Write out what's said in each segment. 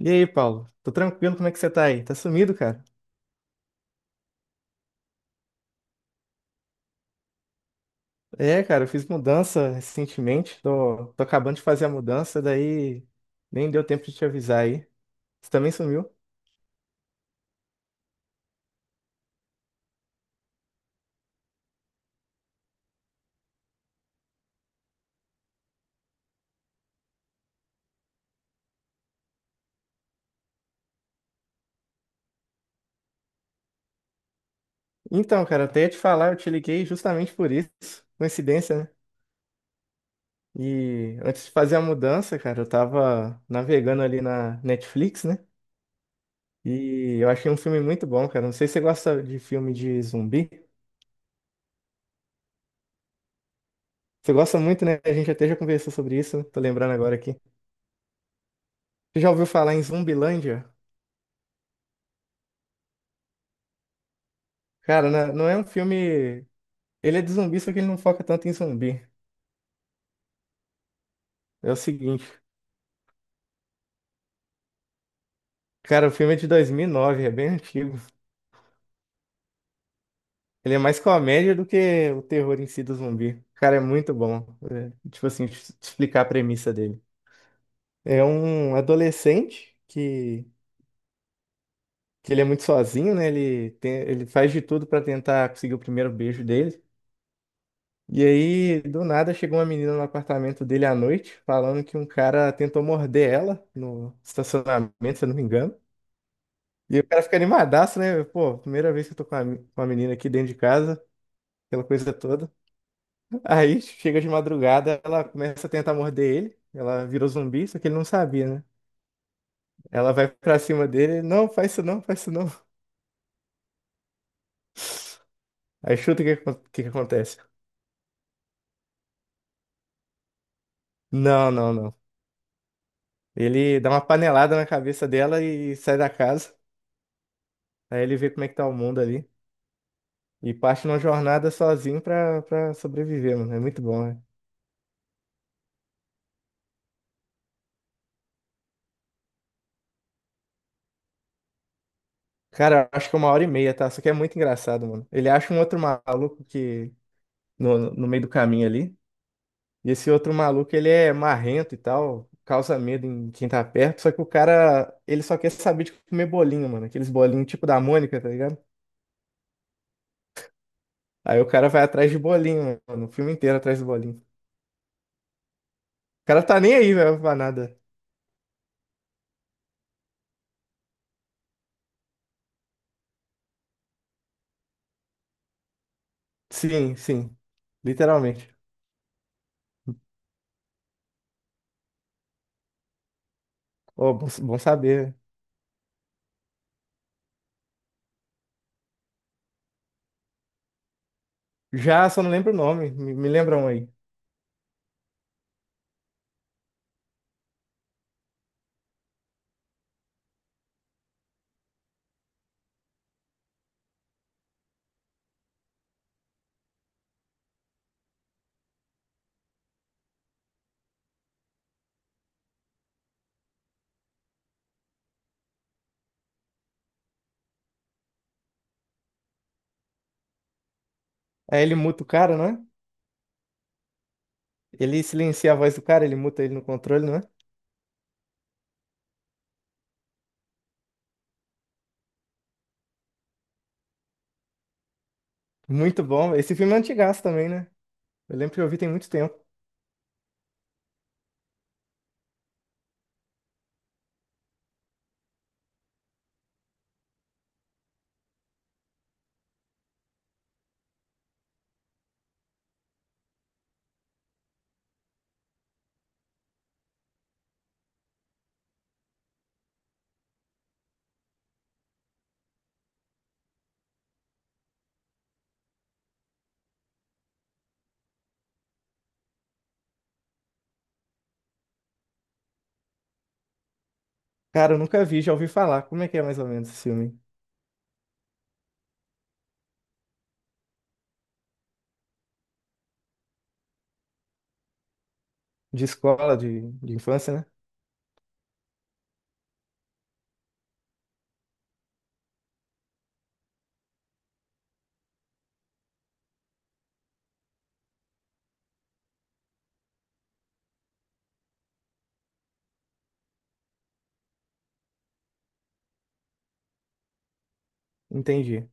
E aí, Paulo? Tô tranquilo, como é que você tá aí? Tá sumido, cara? É, cara, eu fiz mudança recentemente, tô acabando de fazer a mudança, daí nem deu tempo de te avisar aí. Você também sumiu? Então, cara, até ia te falar, eu te liguei justamente por isso, coincidência, né? E antes de fazer a mudança, cara, eu tava navegando ali na Netflix, né? E eu achei um filme muito bom, cara. Não sei se você gosta de filme de zumbi. Você gosta muito, né? A gente até já conversou sobre isso, né? Tô lembrando agora aqui. Você já ouviu falar em Zumbilândia? Cara, não é um filme. Ele é de zumbi, só que ele não foca tanto em zumbi. É o seguinte, cara, o filme é de 2009, é bem antigo. Ele é mais comédia do que o terror em si do zumbi. Cara, é muito bom. É, tipo assim, te explicar a premissa dele. É um adolescente que ele é muito sozinho, né? Ele faz de tudo pra tentar conseguir o primeiro beijo dele. E aí, do nada, chegou uma menina no apartamento dele à noite, falando que um cara tentou morder ela no estacionamento, se eu não me engano. E o cara fica animadaço, né? Pô, primeira vez que eu tô com uma menina aqui dentro de casa, aquela coisa toda. Aí chega de madrugada, ela começa a tentar morder ele. Ela virou zumbi, só que ele não sabia, né? Ela vai pra cima dele, não, faz isso não, faz isso não. Aí chuta o que, o que que acontece. Não, não, não. Ele dá uma panelada na cabeça dela e sai da casa. Aí ele vê como é que tá o mundo ali. E parte numa jornada sozinho pra sobreviver, mano. É muito bom, né? Cara, eu acho que é uma hora e meia, tá? Só que é muito engraçado, mano. Ele acha um outro maluco que no meio do caminho ali. E esse outro maluco, ele é marrento e tal, causa medo em quem tá perto. Só que o cara, ele só quer saber de comer bolinho, mano. Aqueles bolinhos tipo da Mônica, tá ligado? Aí o cara vai atrás de bolinho, mano. O filme inteiro atrás de bolinho. O cara tá nem aí, velho, pra nada. Sim, sim. Literalmente. Ó, bom, bom saber. Já, só não lembro o nome. Me lembra um aí. Aí ele muta o cara, não é? Ele silencia a voz do cara, ele muta ele no controle, não é? Muito bom. Esse filme é antigaço também, né? Eu lembro que eu vi tem muito tempo. Cara, eu nunca vi, já ouvi falar. Como é que é mais ou menos esse filme? De escola, de infância, né? Entendi.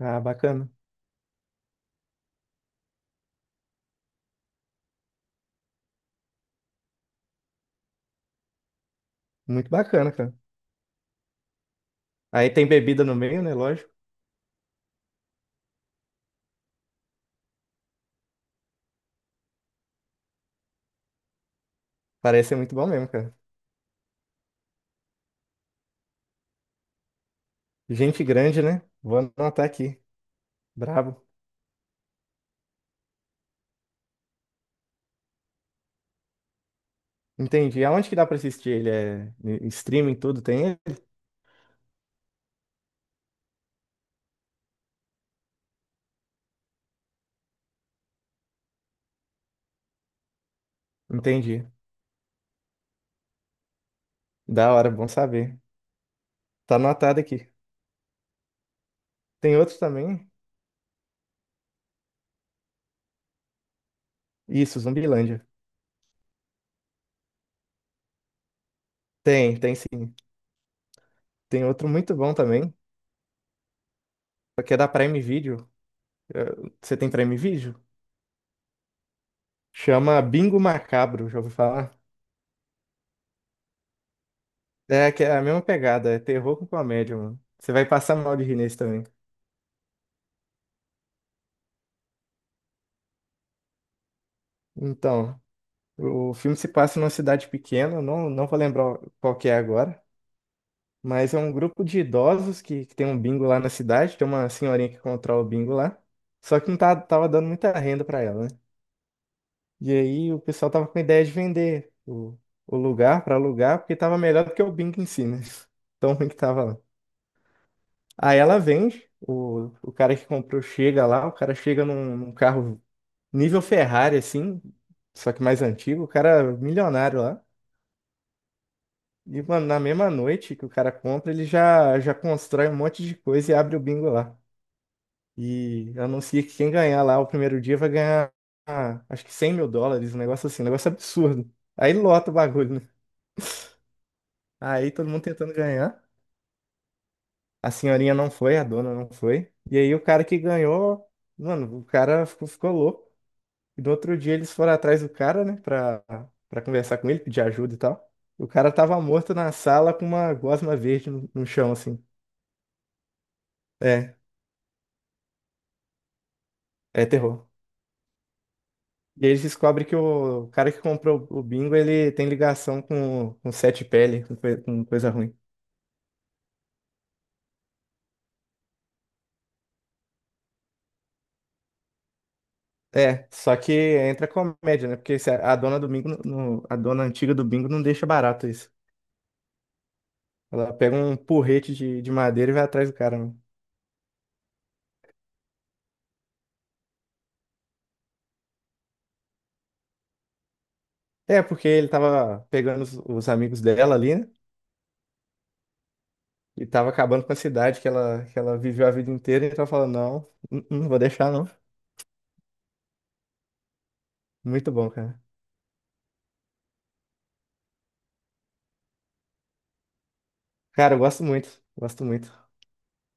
Ah, bacana. Muito bacana, cara. Aí tem bebida no meio, né? Lógico. Parece ser muito bom mesmo, cara. Gente grande, né? Vou anotar aqui. Brabo. Entendi. Aonde que dá pra assistir ele? É em streaming, tudo? Tem ele? Entendi. Da hora, bom saber. Tá anotado aqui. Tem outro também? Isso, Zumbilândia. Tem, tem sim. Tem outro muito bom também, só que é da Prime Video. Eh, Você tem Prime Video? Chama Bingo Macabro, já ouviu falar? É, que é a mesma pegada, é terror com comédia, mano. Você vai passar mal de rir nesse também. Então, o filme se passa numa cidade pequena, eu não vou lembrar qual que é agora, mas é um grupo de idosos que tem um bingo lá na cidade, tem uma senhorinha que controla o bingo lá, só que não tá, tava dando muita renda pra ela, né? E aí o pessoal tava com a ideia de vender o lugar para alugar, porque tava melhor do que o Bing em si, né? Tão ruim que tava lá. Aí ela vende, o cara que comprou chega lá, o cara chega num carro nível Ferrari, assim, só que mais antigo, o cara é milionário lá. E, mano, na mesma noite que o cara compra, ele já, já constrói um monte de coisa e abre o bingo lá. E anuncia que quem ganhar lá o primeiro dia vai ganhar, ah, acho que 100 mil dólares, um negócio assim, um negócio absurdo. Aí lota o bagulho, né? Aí todo mundo tentando ganhar. A senhorinha não foi, a dona não foi. E aí o cara que ganhou, mano, o cara ficou louco. E no outro dia eles foram atrás do cara, né, pra conversar com ele, pedir ajuda e tal. O cara tava morto na sala com uma gosma verde no chão, assim. É, é terror. E aí eles descobrem que o cara que comprou o bingo, ele tem ligação com sete pele, com coisa ruim. É, só que entra comédia, né? Porque se a dona do bingo, a dona antiga do bingo não deixa barato isso. Ela pega um porrete de madeira e vai atrás do cara, né? É, porque ele tava pegando os amigos dela ali, né? E tava acabando com a cidade que ela viveu a vida inteira. E tava falando, não, não, não vou deixar, não. Muito bom, cara. Cara, eu gosto muito. Gosto muito.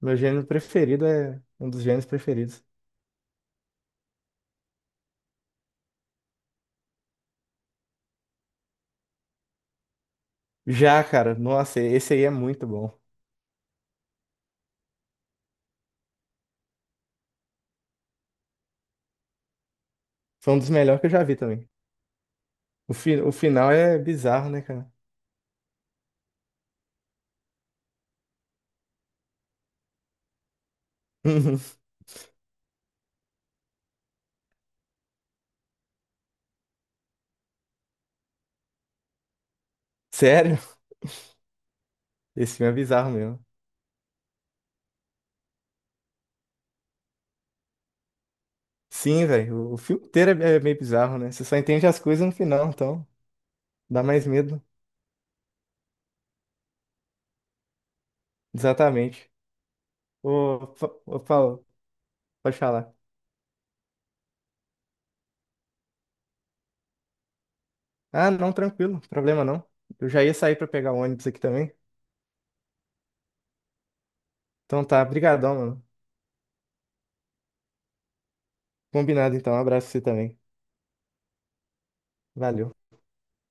Meu gênero preferido é um dos gêneros preferidos. Já, cara, nossa, esse aí é muito bom. Foi um dos melhores que eu já vi também. O final é bizarro, né, cara? Sério? Esse filme é bizarro mesmo. Sim, velho. O filme inteiro é meio bizarro, né? Você só entende as coisas no final, então dá mais medo. Exatamente. Ô, ô Paulo, pode falar. Ah, não, tranquilo, problema não. Eu já ia sair pra pegar o ônibus aqui também. Então tá, brigadão, mano. Combinado então, um abraço pra você também. Valeu.